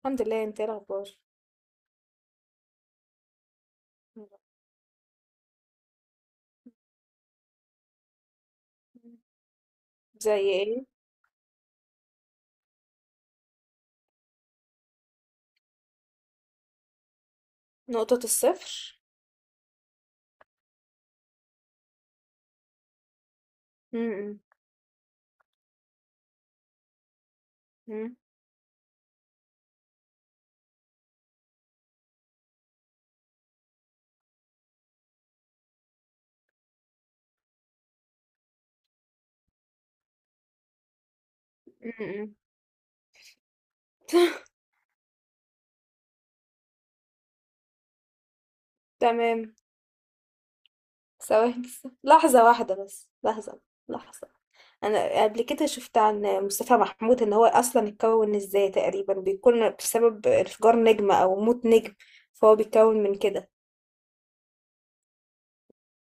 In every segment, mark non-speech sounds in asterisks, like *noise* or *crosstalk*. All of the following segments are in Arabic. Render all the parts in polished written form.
الحمد لله. انت ايه الاخبار؟ زي ايه؟ نقطة الصفر. م- م- م- م- م. *laughs* تمام. ثواني بس. لحظة واحدة بس لحظة. انا قبل كده شفت عن مصطفى محمود ان هو اصلا اتكون ازاي، تقريبا بيكون بسبب انفجار نجمة او موت نجم، فهو بيتكون من كده.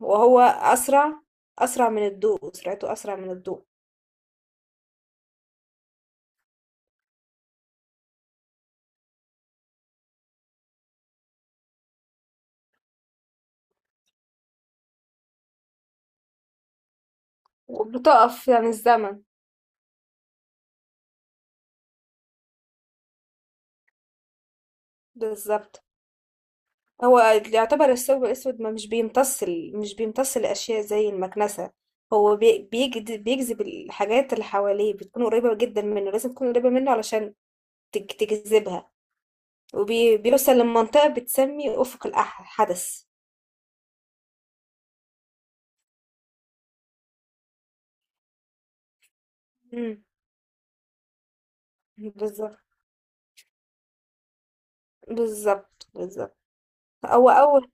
وهو اسرع من الضوء، سرعته اسرع من الضوء. وبتقف يعني الزمن. بالظبط. هو يعتبر الثوب الأسود ما مش بيمتص ال- مش بيمتص الأشياء زي المكنسة. هو بيجذب الحاجات اللي حواليه، بتكون قريبة جدا منه، لازم تكون قريبة منه علشان تجذبها. وبيوصل لمنطقة بتسمي أفق الحدث. مم. بالظبط بالظبط بالظبط. هو أول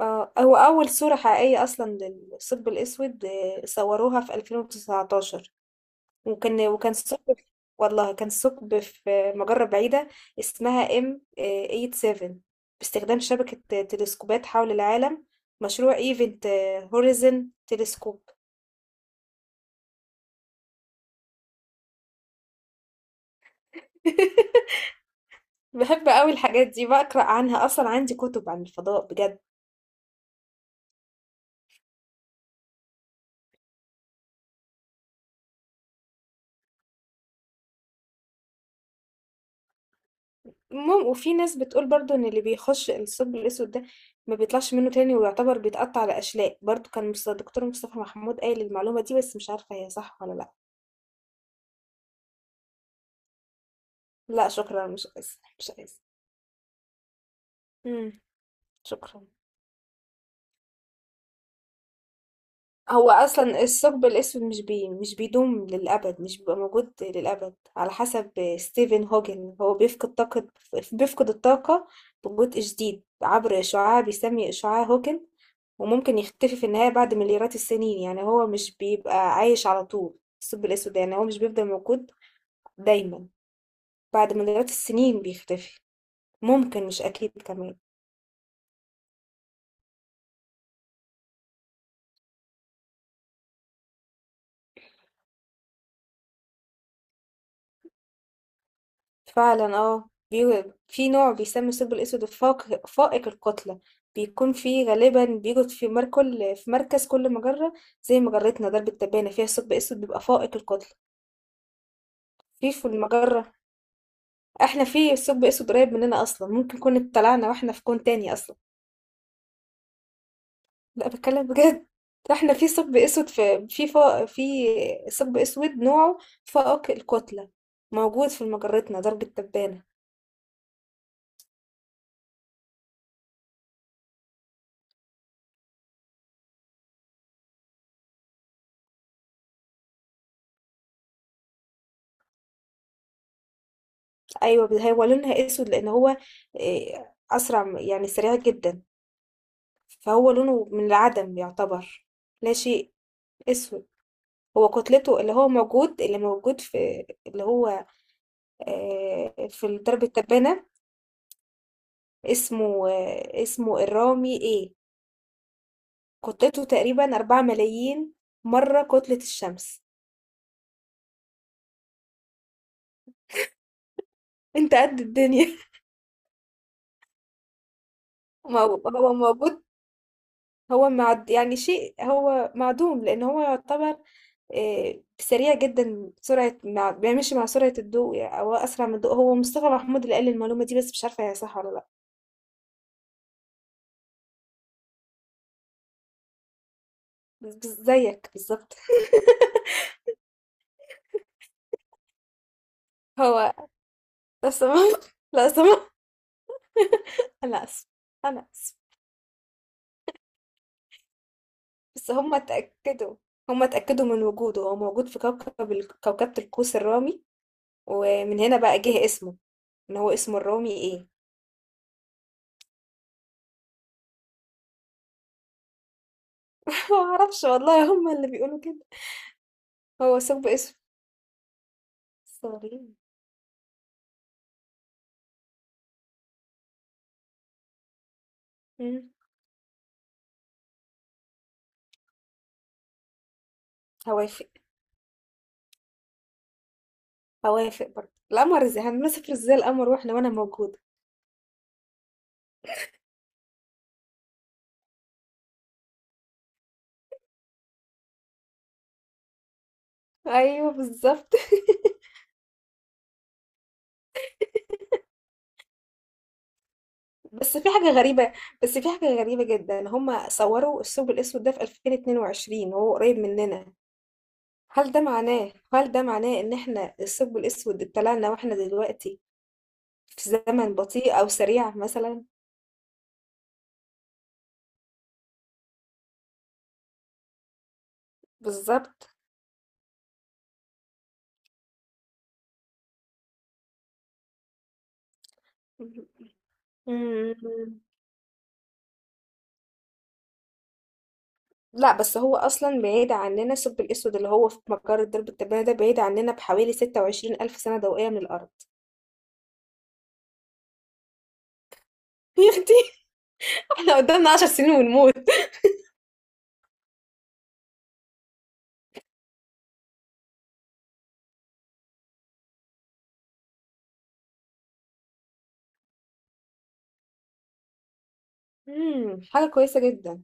هو أول صورة حقيقية أصلا للثقب الأسود، صوروها في 2019. وكان ثقب، والله كان ثقب في مجرة بعيدة اسمها ام 87، باستخدام شبكة تلسكوبات حول العالم، مشروع ايفنت هوريزن تلسكوب. *laughs* بحب قوي الحاجات دي، بقرأ عنها أصلا، عندي كتب عن الفضاء بجد. المهم، وفي ناس بتقول برضو إن اللي بيخش الثقب الأسود ده ما بيطلعش منه تاني، ويعتبر بيتقطع لأشلاء برضو. كان دكتور مصطفى محمود قايل المعلومة دي بس مش عارفة هي صح ولا لأ. لا شكرا، مش عايزة مش عايزة. امم. شكرا. هو اصلا الثقب الاسود مش بيدوم للابد، مش بيبقى موجود للابد، على حسب ستيفن هوكينج. هو بيفقد طاقه، بيفقد الطاقه ببطء شديد عبر اشعاع بيسمي اشعاع هوكينج. وممكن يختفي في النهايه بعد مليارات السنين، يعني هو مش بيبقى عايش على طول. الثقب الاسود يعني هو مش بيفضل موجود دايما. بعد مليارات السنين بيختفي. ممكن، مش اكيد كمان. فعلا، في نوع بيسمى الثقب الأسود فائق الكتلة. بيكون فيه غالبا، بيوجد في مركز كل مجرة. زي مجرتنا درب التبانة فيها ثقب أسود بيبقى فائق الكتلة. في المجرة. احنا في ثقب أسود قريب مننا أصلا، ممكن كنا اتطلعنا واحنا في كون تاني أصلا. لا، بتكلم بجد. احنا في ثقب أسود، في ثقب أسود نوعه فائق الكتلة، موجود في مجرتنا درب التبانة. ايوه، بس هو لونها اسود لان هو يعني سريع جدا، فهو لونه من العدم يعتبر. لا شيء، اسود. هو كتلته، اللي موجود في اللي هو آه، في درب التبانة. اسمه الرامي ايه. كتلته تقريبا 4 ملايين مرة كتلة الشمس. انت قد الدنيا. *laughs* هو موجود. هو معد يعني شيء، هو معدوم لأن هو يعتبر سريع جدا، سرعة مع بيمشي مع سرعة الضوء يعني أو أسرع من الضوء. هو مصطفى محمود اللي قال المعلومة دي بس مش عارفة هي صح ولا لأ. بس زيك بالظبط. هو، لا سمح، لا سمح. أنا آسف، أنا آسف. بس هما اتأكدوا من وجوده. هو موجود في كوكبة القوس الرامي، ومن هنا بقى جه اسمه. إن هو اسمه الرامي إيه. *laughs* معرفش والله، هما اللي بيقولوا كده. هو سب اسمه سوري. مم. هوافق. هوافق برضه. القمر؟ ازاي هنمسك ازاي القمر واحنا وانا موجودة؟ ايوه بالظبط. *laughs* بس في حاجة غريبة بس في حاجة غريبة جدا. هما صوروا الثقب الاسود ده في 2022 وهو قريب مننا. هل ده معناه ان احنا الثقب الاسود اتطلعنا واحنا دلوقتي في زمن بطيء او سريع مثلا؟ بالظبط. مم. لا، بس هو اصلا بعيد عننا، الثقب الاسود اللي هو في مجرة درب التبانة ده بعيد عننا بحوالي 26 الف سنة ضوئية من الارض. يا اختي، احنا قدامنا 10 سنين ونموت. حاجة كويسة جدا.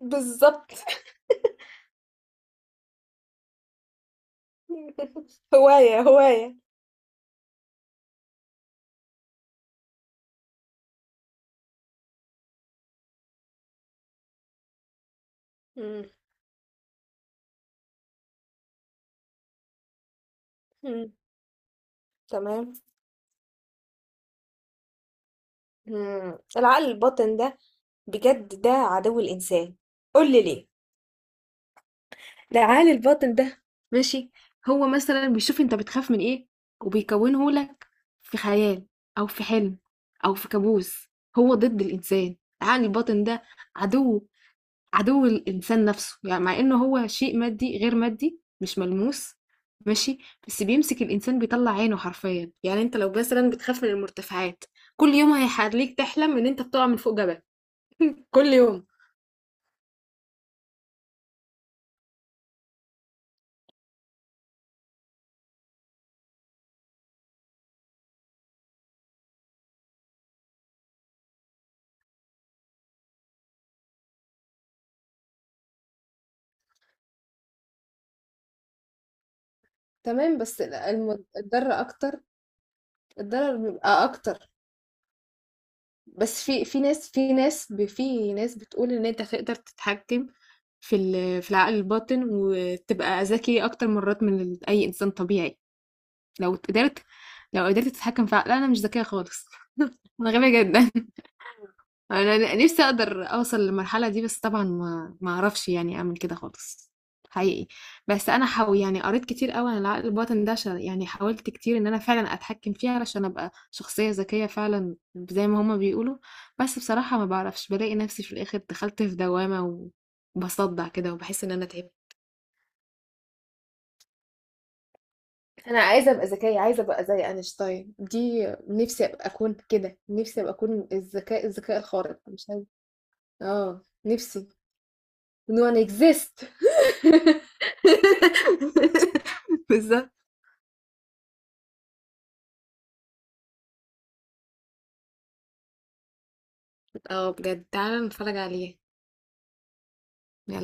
بالظبط. *laughs* هواية هواية. مم. مم. تمام. مم. العقل الباطن ده، بجد ده عدو الإنسان. قول لي ليه. العقل الباطن ده، ماشي، هو مثلا بيشوف انت بتخاف من ايه وبيكونه لك في خيال او في حلم او في كابوس. هو ضد الانسان، العقل الباطن ده، عدو عدو الإنسان نفسه، يعني مع إنه هو شيء مادي غير مادي مش ملموس. ماشي، بس بيمسك الإنسان، بيطلّع عينه حرفيًا. يعني أنت لو مثلًا بتخاف من المرتفعات، كل يوم هيخلّيك تحلم إن أنت بتقع من فوق جبل، كل يوم. تمام، بس ال الم الضرر أكتر، الضرر بيبقى أكتر. بس في ناس بتقول إن أنت تقدر تتحكم في العقل الباطن وتبقى ذكي أكتر مرات من أي إنسان طبيعي. لو قدرت، لو قدرت تتحكم في لا انا مش ذكية خالص. انا غبية جدا. *laughs* *applause* انا نفسي اقدر اوصل للمرحلة دي بس طبعا ما اعرفش يعني اعمل كده خالص، حقيقي. بس انا حاول يعني، قريت كتير قوي عن العقل الباطن ده، عشان يعني حاولت كتير ان انا فعلا اتحكم فيه علشان ابقى شخصية ذكية فعلا زي ما هما بيقولوا. بس بصراحة ما بعرفش، بلاقي نفسي في الاخر دخلت في دوامة وبصدع كده وبحس ان انا تعبت. انا عايزه ابقى ذكيه، عايزه ابقى زي اينشتاين، دي نفسي ابقى اكون كده، نفسي ابقى اكون الذكاء الخارق، مش عايزه. اه نفسي. نو ان اكزيست. *laughs* بالظبط. اه بجد، تعالى نتفرج عليه.